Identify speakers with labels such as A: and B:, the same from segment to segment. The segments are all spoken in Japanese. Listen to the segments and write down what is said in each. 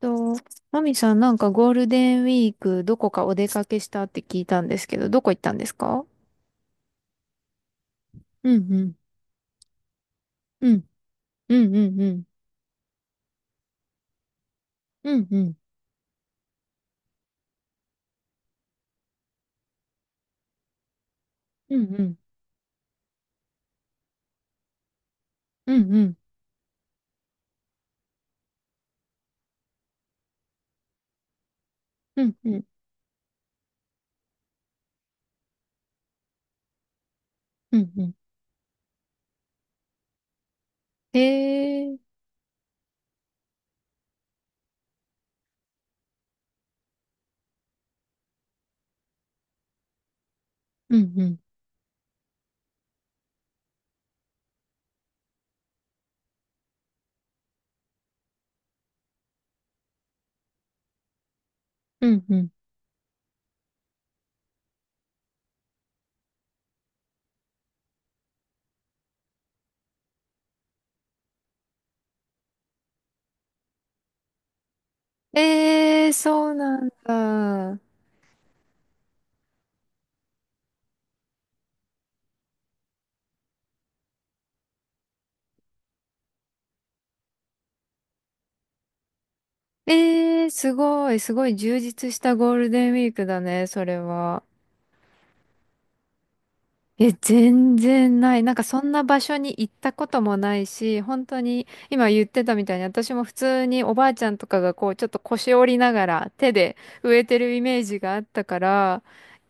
A: と、マミさん、なんかゴールデンウィーク、どこかお出かけしたって聞いたんですけど、どこ行ったんですか？うんうん。うん。うんうんうん。うんうん。うんうん。うんうん。うんうん。うんうん。えー。うんうん。うんうん。えー、そうなんだ。えー、すごい、すごい充実したゴールデンウィークだね、それは。え、全然ない。なんかそんな場所に行ったこともないし、本当に今言ってたみたいに私も普通におばあちゃんとかがこうちょっと腰折りながら手で植えてるイメージがあったから、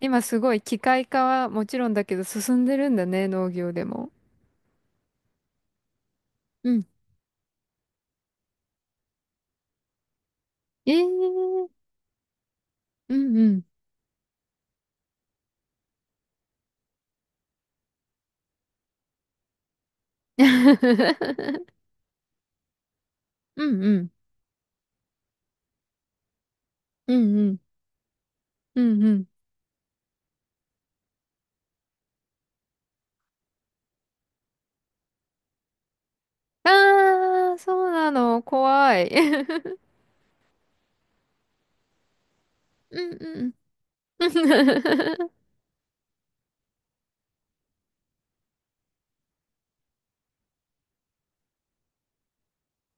A: 今すごい機械化はもちろんだけど進んでるんだね、農業でも。うん。ええー。うんうん。うんうん。うんうん。うんうん。ああ、そうなの。怖い。うんうん。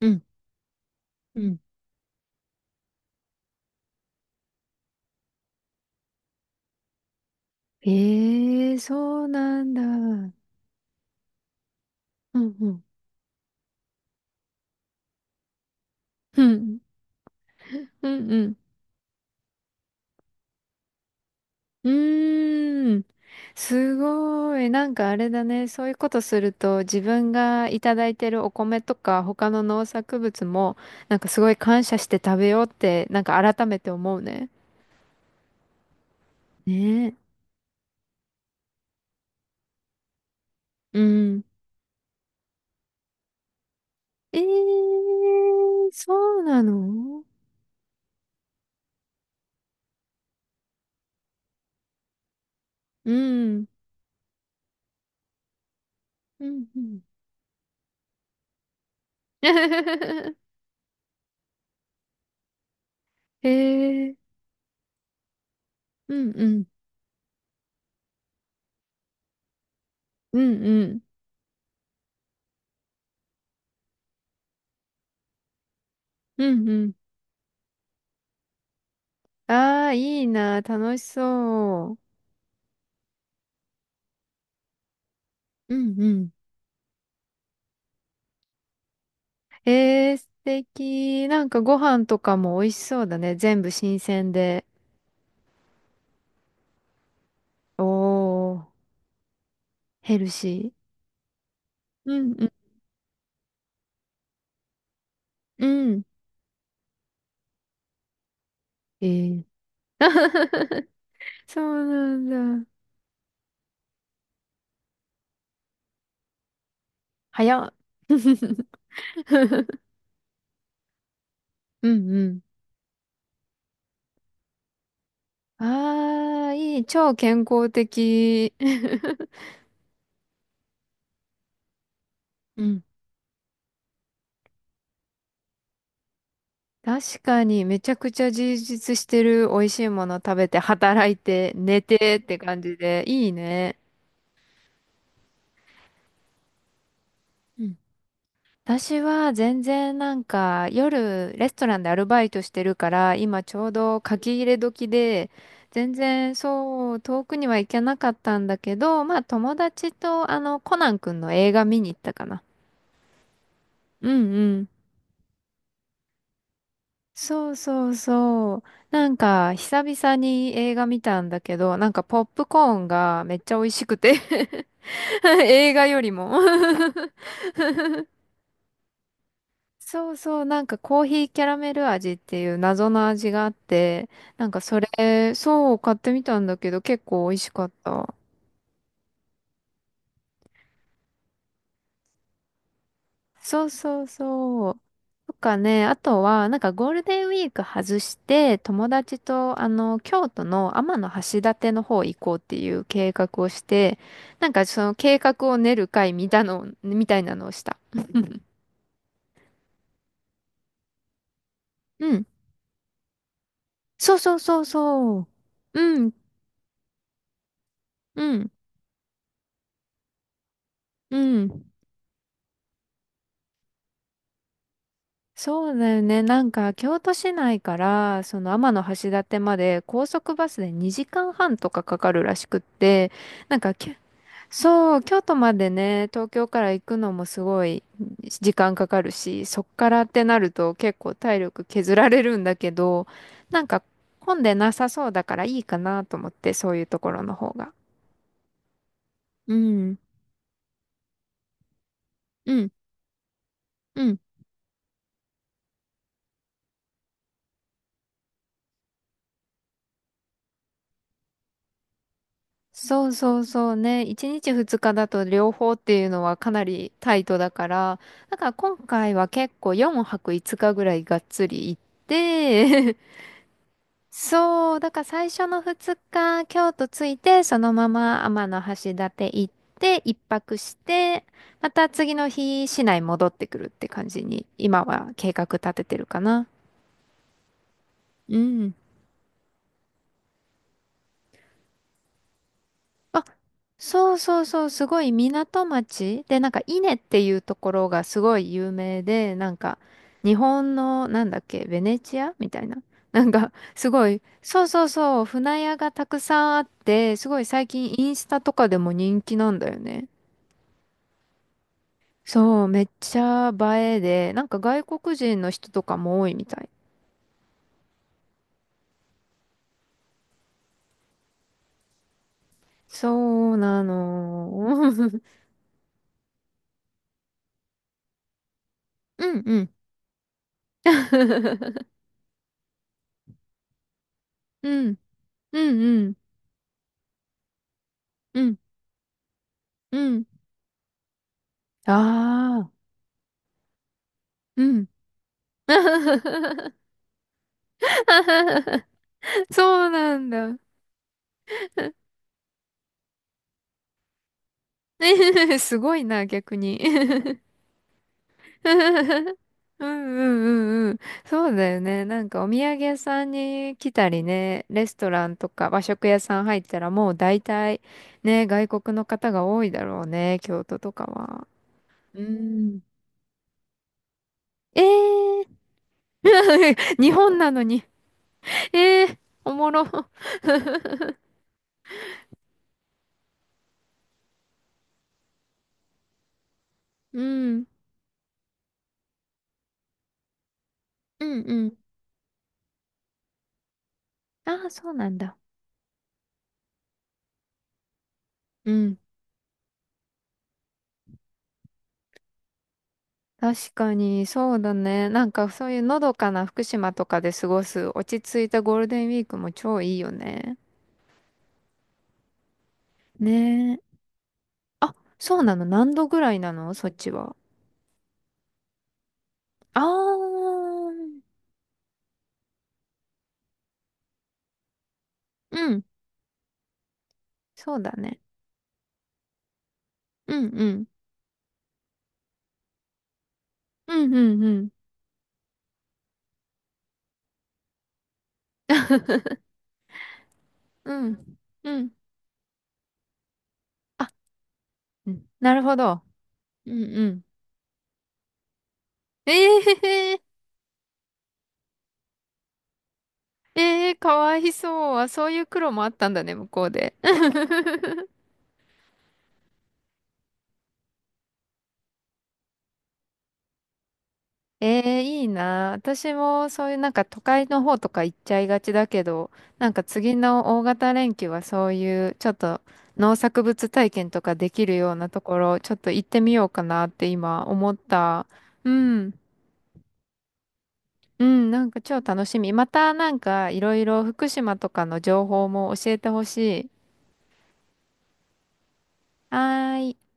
A: うん。うん。ええ、そうなんだ。うんうん。うん。うんうん。うーん。すごい。なんかあれだね。そういうことすると、自分がいただいてるお米とか、他の農作物も、なんかすごい感謝して食べようって、なんか改めて思うね。ねえ。うん。ええ、そうなの。うん。うんうん。ええ。うんうん。うんうん。うんうん。ああ、いいな、楽しそう。うんうん。えー、素敵。なんかご飯とかも美味しそうだね。全部新鮮で。おー、ヘルシー。うんうんうん。えー。そうなんだ。早っ。うんうん。ああ、いい。超健康的。うん。確かにめちゃくちゃ充実してる、美味しいもの食べて働いて寝てって感じでいいね。うん。私は全然なんか夜レストランでアルバイトしてるから今ちょうど書き入れ時で、全然そう遠くには行けなかったんだけど、まあ友達とコナン君の映画見に行ったかな。うんうん。そうそうそう。なんか、久々に映画見たんだけど、なんかポップコーンがめっちゃ美味しくて、 映画よりも、 そうそう、なんかコーヒーキャラメル味っていう謎の味があって、なんかそれ、そう、買ってみたんだけど、結構美味しかった。そうそうそう。とかね、あとは、なんかゴールデンウィーク外して、友達と、京都の天橋立の方行こうっていう計画をして、なんかその計画を練る会みたいなのをした。うん。そうそうそうそう。うん、うん、うん。そうだよね。なんか、京都市内から、その天橋立まで高速バスで2時間半とかかかるらしくって、なんか、きそう、京都までね、東京から行くのもすごい時間かかるし、そっからってなると結構体力削られるんだけど、なんか混んでなさそうだからいいかなと思って、そういうところの方が。うん、うん、うん。そうそうそうね。1日2日だと両方っていうのはかなりタイトだから、だから今回は結構4泊5日ぐらいがっつり行って、そう、だから最初の2日、京都着いて、そのまま天橋立行って、一泊して、また次の日、市内戻ってくるって感じに、今は計画立ててるかな。うん。あ、そうそうそう、すごい港町で、なんか稲っていうところがすごい有名で、なんか日本のなんだっけ、ベネチアみたいな。なんかすごい、そうそうそう、船屋がたくさんあって、すごい最近インスタとかでも人気なんだよね。そう、めっちゃ映えで、なんか外国人の人とかも多いみたい。そうなの。うんうん。うん、うんうん、うん、うん。ああ、うん。 そうなんだ。すごいな、逆に。うんうんうんうん。そうだよね。なんかお土産屋さんに来たりね、レストランとか和食屋さん入ったらもう大体ね、外国の方が多いだろうね、京都とかは。うん。えー、日本なのに。えー、おもろ。うん。うんうん。ああ、そうなんだ。うん。確かに、そうだね。なんかそういうのどかな福島とかで過ごす落ち着いたゴールデンウィークも超いいよね。ねえ。あ、そうなの？何度ぐらいなの、そっちは？あー。うん。そうだね。うんうん。うんうんうん。うん。うん。あ、うん、なるほど。うんうん。ええー、ええー、かわいそう。あ、そういう苦労もあったんだね、向こうで。ええ、いいな。私もそういうなんか都会の方とか行っちゃいがちだけど、なんか次の大型連休はそういうちょっと農作物体験とかできるようなところ、ちょっと行ってみようかなって今思った。うん。うん、なんか超楽しみ。またなんかいろいろ福島とかの情報も教えてほしい。はーい。